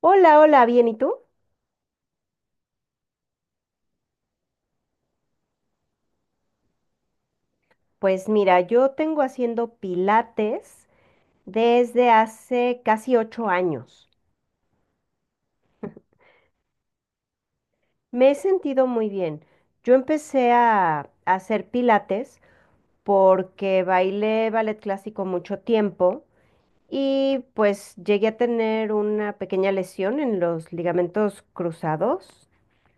Hola, hola, bien, ¿y tú? Pues mira, yo tengo haciendo pilates desde hace casi 8 años. Me he sentido muy bien. Yo empecé a hacer pilates porque bailé ballet clásico mucho tiempo y pues llegué a tener una pequeña lesión en los ligamentos cruzados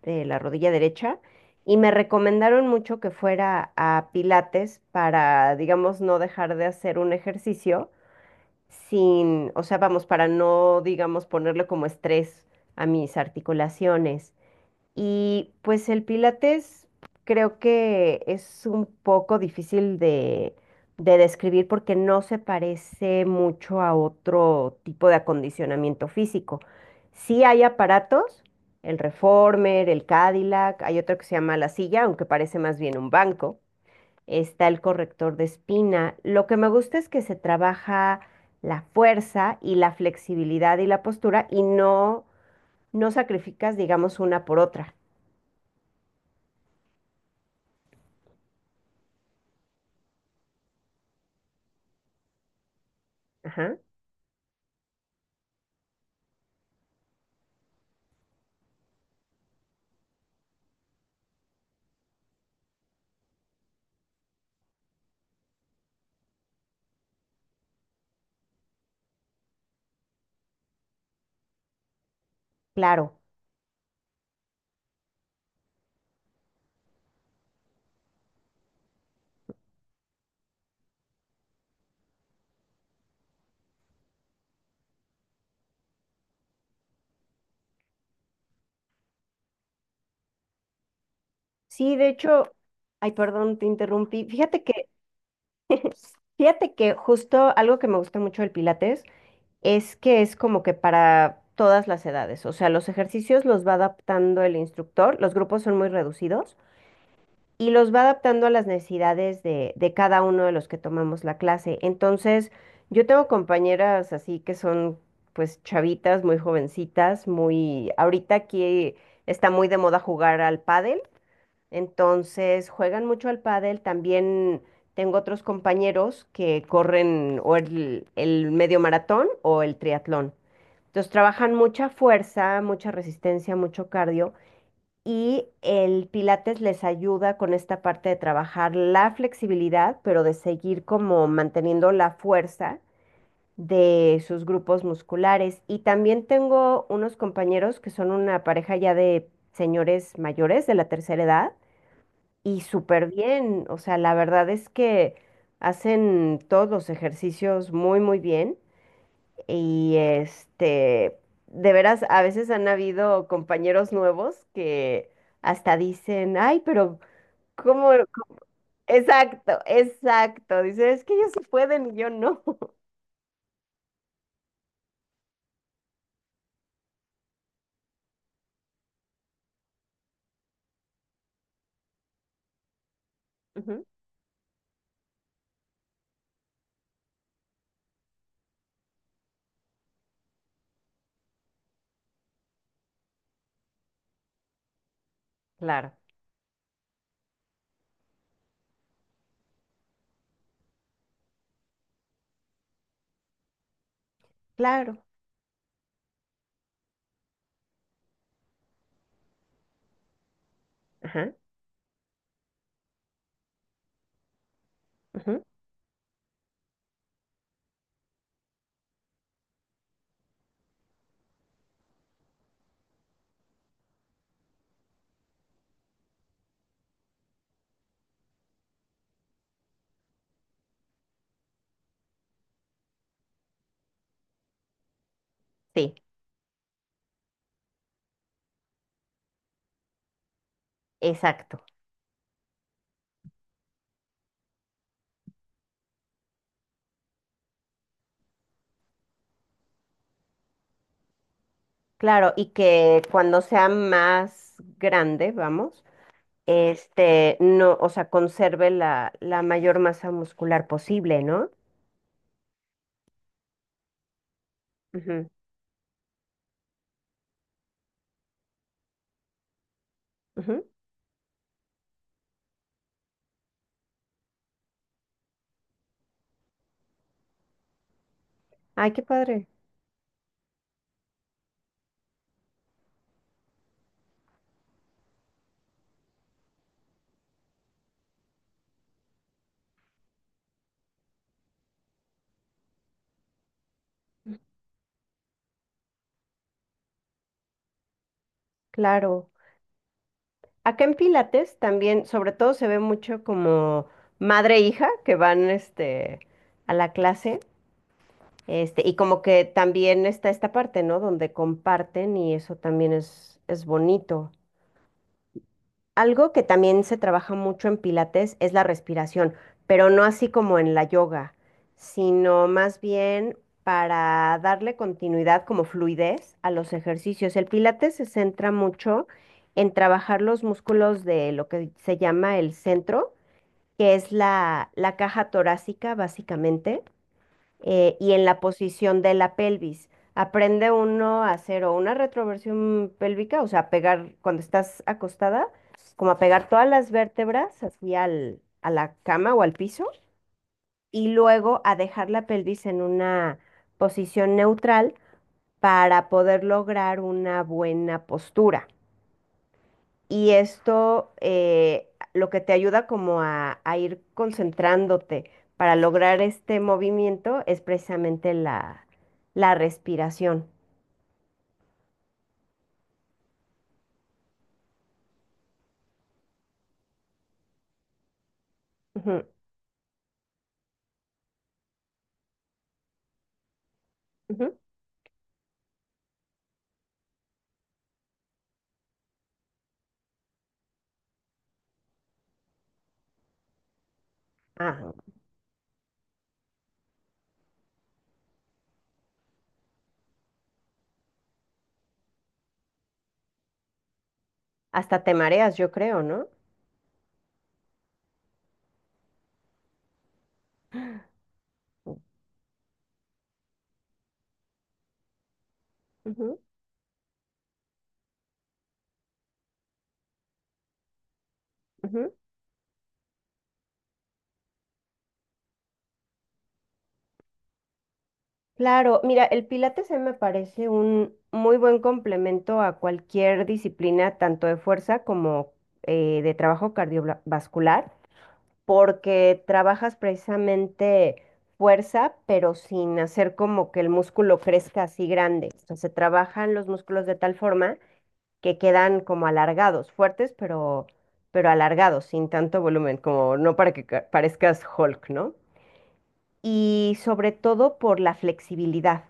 de la rodilla derecha y me recomendaron mucho que fuera a pilates para, digamos, no dejar de hacer un ejercicio sin, o sea, vamos, para no, digamos, ponerle como estrés a mis articulaciones. Y pues el Pilates creo que es un poco difícil de describir porque no se parece mucho a otro tipo de acondicionamiento físico. Sí hay aparatos, el Reformer, el Cadillac, hay otro que se llama la silla, aunque parece más bien un banco, está el corrector de espina. Lo que me gusta es que se trabaja la fuerza y la flexibilidad y la postura y no, no sacrificas, digamos, una por otra. Ajá, claro. Sí, de hecho, ay, perdón, te interrumpí. Fíjate que justo algo que me gusta mucho del Pilates es que es como que para todas las edades. O sea, los ejercicios los va adaptando el instructor, los grupos son muy reducidos, y los va adaptando a las necesidades de cada uno de los que tomamos la clase. Entonces, yo tengo compañeras así que son pues chavitas, muy jovencitas, muy... Ahorita aquí está muy de moda jugar al pádel, entonces juegan mucho al pádel. También tengo otros compañeros que corren o el medio maratón o el triatlón. Entonces trabajan mucha fuerza, mucha resistencia, mucho cardio y el Pilates les ayuda con esta parte de trabajar la flexibilidad, pero de seguir como manteniendo la fuerza de sus grupos musculares. Y también tengo unos compañeros que son una pareja ya de señores mayores de la tercera edad y súper bien. O sea, la verdad es que hacen todos los ejercicios muy, muy bien. Y de veras, a veces han habido compañeros nuevos que hasta dicen, ay, pero ¿cómo? Exacto, exacto. Dicen, es que ellos sí pueden y yo no. Ujú, claro, claro. Ajá, ujú, sí, exacto. Claro, y que cuando sea más grande, vamos, no, o sea, conserve la mayor masa muscular posible, ¿no? Ujú, ujú. Ay, qué padre. Claro. Acá en Pilates también, sobre todo, se ve mucho como madre e hija que van a la clase. Y como que también está esta parte, ¿no? Donde comparten y eso también es bonito. Algo que también se trabaja mucho en Pilates es la respiración, pero no así como en la yoga, sino más bien para darle continuidad como fluidez a los ejercicios. El Pilates se centra mucho en trabajar los músculos de lo que se llama el centro, que es la caja torácica básicamente y en la posición de la pelvis. Aprende uno a hacer o una retroversión pélvica, o sea, a pegar cuando estás acostada, como a pegar todas las vértebras así a la cama o al piso, y luego a dejar la pelvis en una posición neutral para poder lograr una buena postura. Y esto lo que te ayuda como a ir concentrándote para lograr este movimiento es precisamente la respiración. Ujú, ujú. Ah, hasta te mareas, yo creo, ¿no? Ujú, ujú. Claro, mira, el Pilates a mí me parece un muy buen complemento a cualquier disciplina, tanto de fuerza como de trabajo cardiovascular, porque trabajas precisamente fuerza, pero sin hacer como que el músculo crezca así grande. O sea, se trabajan los músculos de tal forma que quedan como alargados, fuertes, pero alargados, sin tanto volumen, como no para que ca- parezcas Hulk, ¿no? Y sobre todo por la flexibilidad,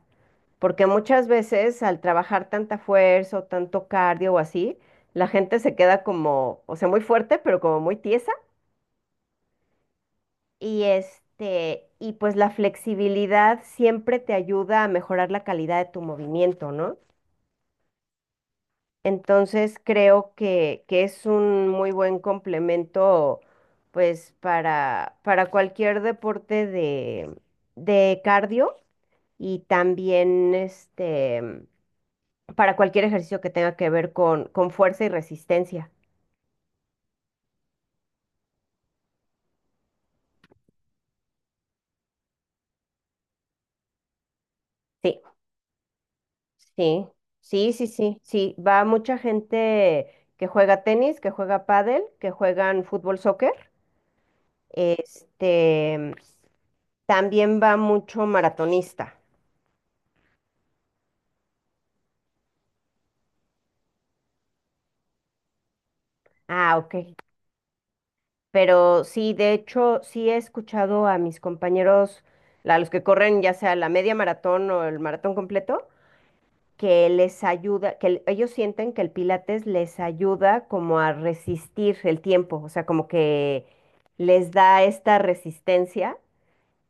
porque muchas veces al trabajar tanta fuerza o tanto cardio o así, la gente se queda como, o sea, muy fuerte, pero como muy tiesa. Y y pues la flexibilidad siempre te ayuda a mejorar la calidad de tu movimiento, ¿no? Entonces creo que es un muy buen complemento, pues, para cualquier deporte de cardio y también para cualquier ejercicio que tenga que ver con fuerza y resistencia. Sí. Sí, sí, sí, sí, sí. Va mucha gente que juega tenis, que juega pádel, que juegan fútbol, soccer. Este, también va mucho maratonista. Ah, ok. Pero sí, de hecho, sí he escuchado a mis compañeros, a los que corren ya sea la media maratón o el maratón completo, que les ayuda, que el- ellos sienten que el Pilates les ayuda como a resistir el tiempo, o sea, como que les da esta resistencia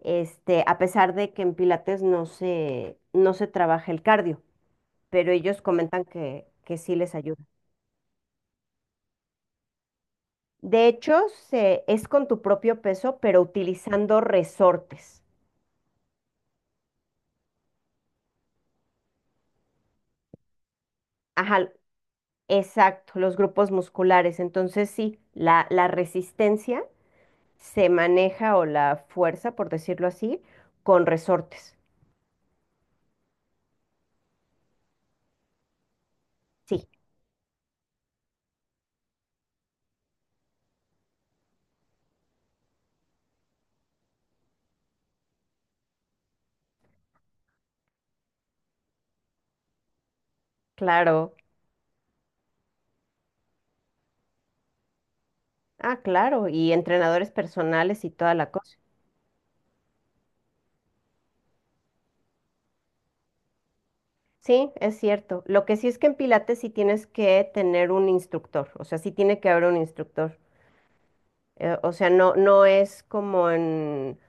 a pesar de que en Pilates no se, no se trabaja el cardio, pero ellos comentan que sí les ayuda. De hecho, es con tu propio peso, pero utilizando resortes. Ajá, exacto, los grupos musculares. Entonces sí, la resistencia se maneja o la fuerza, por decirlo así, con resortes. Sí, claro. Ah, claro. Y entrenadores personales y toda la cosa. Sí, es cierto. Lo que sí es que en Pilates sí tienes que tener un instructor, o sea, sí tiene que haber un instructor. O sea, no, no es como en,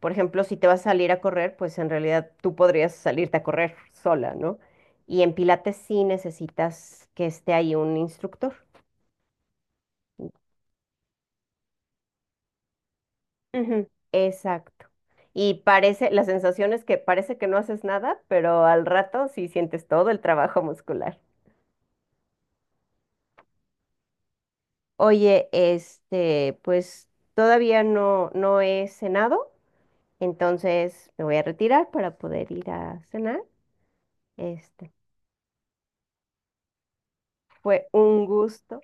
por ejemplo, si te vas a salir a correr, pues en realidad tú podrías salirte a correr sola, ¿no? Y en Pilates sí necesitas que esté ahí un instructor. Ujú, exacto. Y parece, la sensación es que parece que no haces nada, pero al rato sí sientes todo el trabajo muscular. Oye, pues todavía no, no he cenado, entonces me voy a retirar para poder ir a cenar. Este, fue un gusto,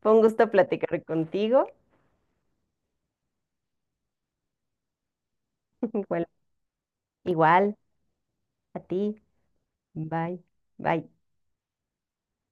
fue un gusto platicar contigo. Igual, igual a ti. Bye, bye.